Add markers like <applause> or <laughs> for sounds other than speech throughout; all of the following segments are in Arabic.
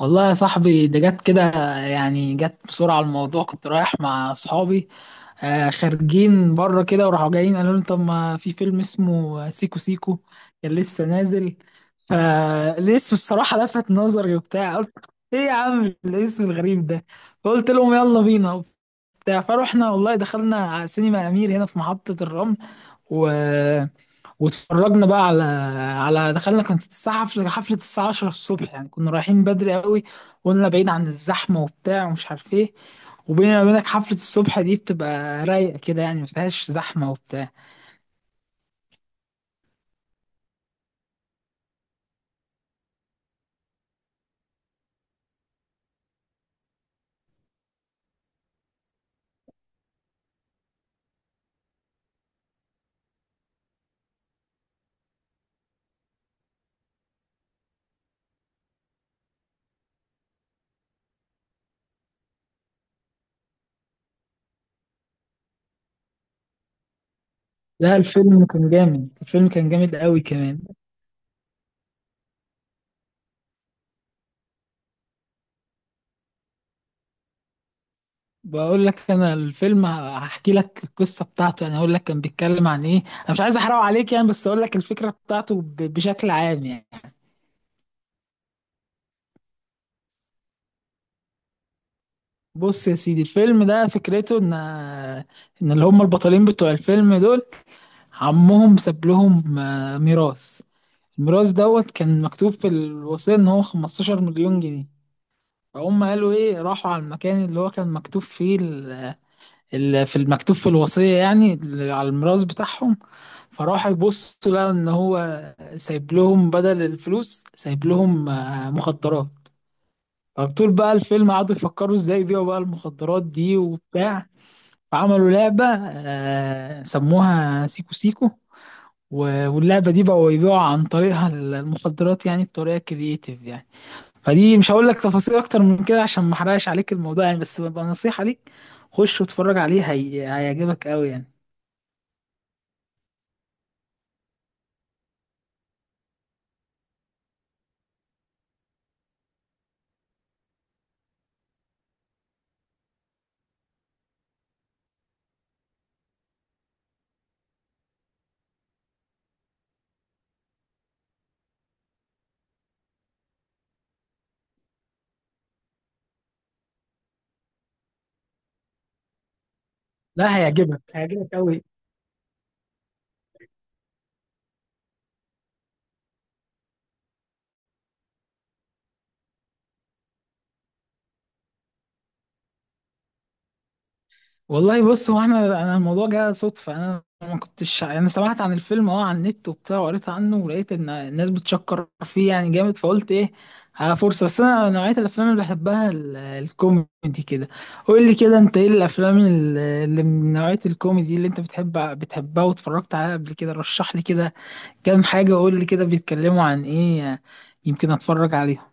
والله يا صاحبي ده جت كده. يعني جت بسرعة الموضوع. كنت رايح مع صحابي، خارجين بره كده وراحوا جايين قالوا لي طب ما في فيلم اسمه سيكو سيكو، كان لسه نازل. فالاسم الصراحة لفت نظري وبتاع. قلت ايه يا عم الاسم الغريب ده؟ فقلت لهم يلا بينا وبتاع. فروحنا والله دخلنا على سينما أمير هنا في محطة الرمل، و واتفرجنا بقى على دخلنا كانت الساعة، حفلة الساعة 10 الصبح، يعني كنا رايحين بدري قوي. قلنا بعيد عن الزحمة وبتاع ومش عارف ايه. وبيني وبينك حفلة الصبح دي بتبقى رايقة كده، يعني مفيهاش زحمة وبتاع. لا، الفيلم كان جامد، الفيلم كان جامد قوي كمان. بقول لك انا، الفيلم هحكي لك القصة بتاعته، يعني اقول لك كان بيتكلم عن ايه. انا مش عايز احرقه عليك يعني، بس اقول لك الفكرة بتاعته بشكل عام يعني. بص يا سيدي، الفيلم ده فكرته ان اللي هم البطلين بتوع الفيلم دول، عمهم ساب لهم ميراث. الميراث دوت كان مكتوب في الوصية ان هو 15 مليون جنيه. فهم قالوا ايه، راحوا على المكان اللي هو كان مكتوب فيه في المكتوب في الوصية، يعني على الميراث بتاعهم. فراحوا يبصوا لقوا ان هو سايب لهم بدل الفلوس، سايب لهم مخدرات. فطول بقى الفيلم قعدوا يفكروا ازاي يبيعوا بقى المخدرات دي وبتاع. فعملوا لعبة، سموها سيكو سيكو. واللعبة دي بقوا يبيعوا عن طريقها المخدرات، يعني بطريقة كرييتيف يعني. فدي مش هقول لك تفاصيل أكتر من كده عشان ما أحرقش عليك الموضوع يعني، بس ببقى نصيحة ليك، خش واتفرج عليه، هيعجبك أوي يعني. لا، هيعجبك هيعجبك أوي. والله بص، هو احنا الموضوع جه صدفه، انا ما كنتش، انا سمعت عن الفيلم اه على النت وبتاع وقريت عنه ولقيت ان الناس بتشكر فيه يعني جامد. فقلت ايه، ها فرصه. بس انا نوعيه الافلام اللي بحبها الكوميدي كده. قول لي كده، انت ايه الافلام اللي من نوعيه الكوميدي اللي انت بتحبها واتفرجت عليها قبل كده؟ رشح لي كده كام حاجه، وقول لي كده بيتكلموا عن ايه، يمكن اتفرج عليهم.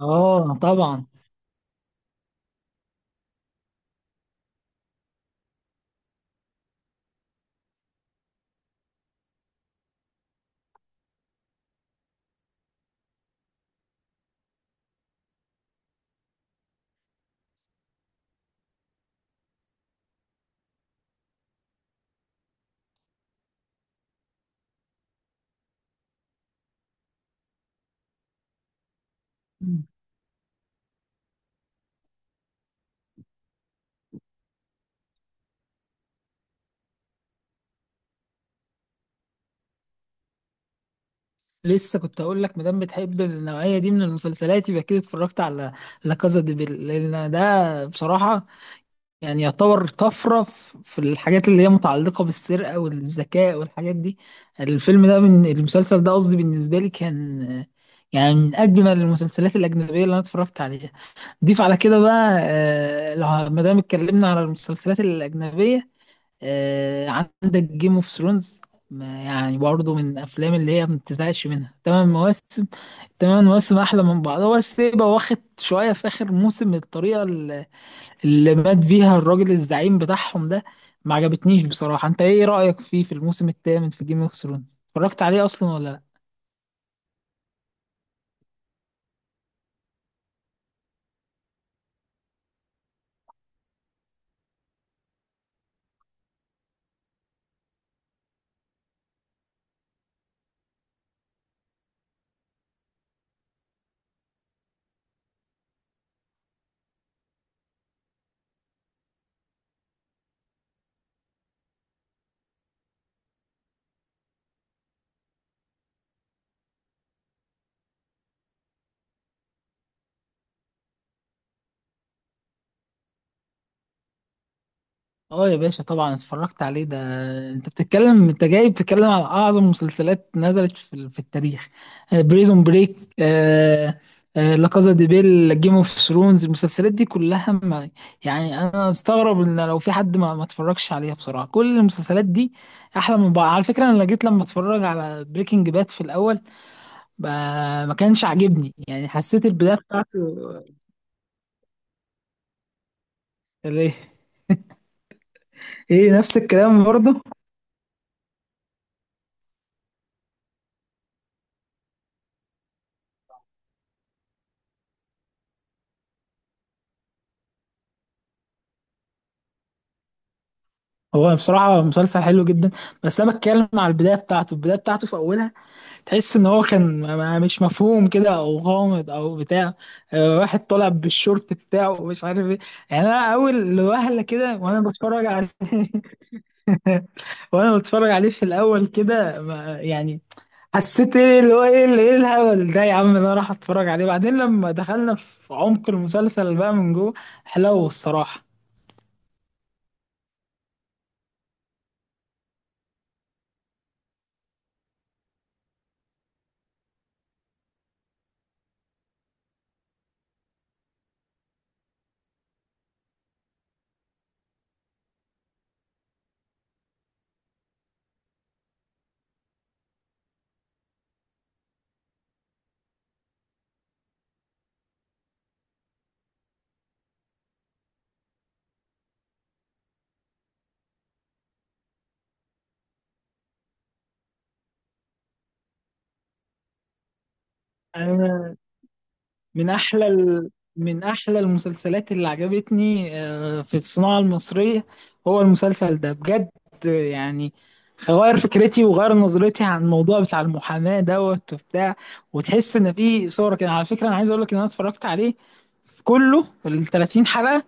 اه طبعا. لسه كنت اقول لك، مادام بتحب النوعيه دي من المسلسلات، يبقى كده اتفرجت على لا كازا دي بيل، لان ده بصراحه يعني يعتبر طفره في الحاجات اللي هي متعلقه بالسرقه والذكاء والحاجات دي. الفيلم ده، من المسلسل ده قصدي، بالنسبه لي كان يعني من اجمل المسلسلات الاجنبيه اللي انا اتفرجت عليها. ضيف على كده بقى، لو مادام اتكلمنا على المسلسلات الاجنبيه، عندك جيم اوف ثرونز، يعني برضه من الافلام اللي هي ما بتزهقش منها. تمن مواسم، تمن مواسم احلى من بعض. هو بس يبقى واخد شويه في اخر موسم، الطريقه اللي مات بيها الراجل الزعيم بتاعهم ده ما عجبتنيش بصراحه. انت ايه رايك فيه في الموسم الثامن في جيم اوف ثرونز، اتفرجت عليه اصلا ولا لا؟ اه يا باشا، طبعا اتفرجت عليه ده. انت بتتكلم، انت جاي بتتكلم على اعظم مسلسلات نزلت في التاريخ. بريزون بريك، لا كازا دي بيل، جيم اوف ثرونز، المسلسلات دي كلها ما، يعني انا استغرب ان لو في حد ما اتفرجش عليها بصراحه. كل المسلسلات دي احلى من بعض. على فكره، انا جيت لما اتفرج على بريكنج باد في الاول ب- ما كانش عاجبني، يعني حسيت البدايه بتاعته ليه. إيه نفس الكلام برضه. هو بصراحة مسلسل حلو جدا، بس أنا بتكلم على البداية بتاعته، البداية بتاعته في أولها تحس إن هو كان مش مفهوم كده أو غامض أو بتاع، واحد طالع بالشورت بتاعه ومش عارف إيه. يعني أنا أول وهلة كده وأنا بتفرج عليه <laughs> وأنا بتفرج عليه في الأول كده يعني حسيت إيه اللي هو إيه اللي إيه الهبل ده يا عم، أنا راح أتفرج عليه. بعدين لما دخلنا في عمق المسلسل بقى من جوه، حلو الصراحة. من احلى ال... من احلى المسلسلات اللي عجبتني، في الصناعة المصرية، هو المسلسل ده بجد. يعني غير فكرتي وغير نظرتي عن الموضوع بتاع المحاماة دوت وبتاع، وتحس ان في صورة كده. على فكرة، انا عايز اقول لك ان انا اتفرجت عليه في كله ال 30 حلقة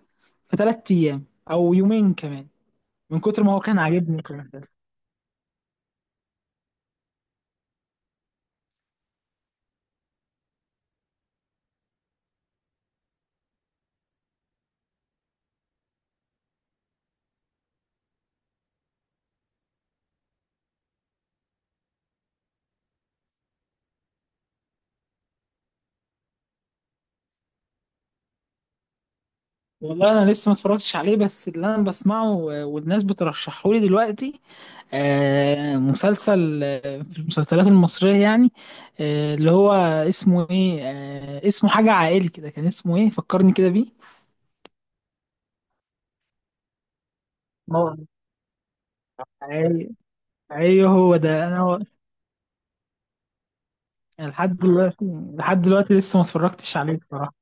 في 3 ايام او يومين كمان، من كتر ما هو كان عاجبني كمان. والله انا لسه ما اتفرجتش عليه، بس اللي انا بسمعه، والناس بترشحه لي دلوقتي، مسلسل، في المسلسلات المصرية يعني، اللي هو اسمه ايه، اسمه حاجة عائلي كده، كان اسمه ايه فكرني كده بيه. مو- ايوه، ايوه، هو ده انا لحد دلوقتي، لسه ما اتفرجتش عليه بصراحة.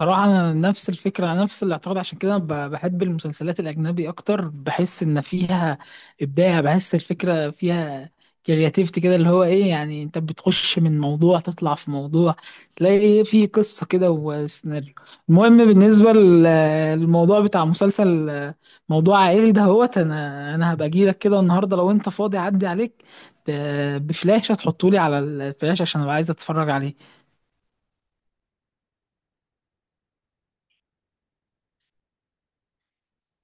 صراحة أنا نفس الفكرة، أنا نفس الاعتقاد، عشان كده أنا بحب المسلسلات الأجنبي أكتر. بحس إن فيها إبداع، بحس الفكرة فيها كرياتيفيتي كده، اللي هو إيه يعني، أنت بتخش من موضوع تطلع في موضوع، تلاقي إيه في قصة كده وسيناريو. المهم بالنسبة للموضوع بتاع مسلسل موضوع عائلي ده هوت. أنا هبقى أجيلك كده النهاردة لو أنت فاضي أعدي عليك ت- بفلاشة، تحطولي على الفلاشة عشان أبقى عايز أتفرج عليه.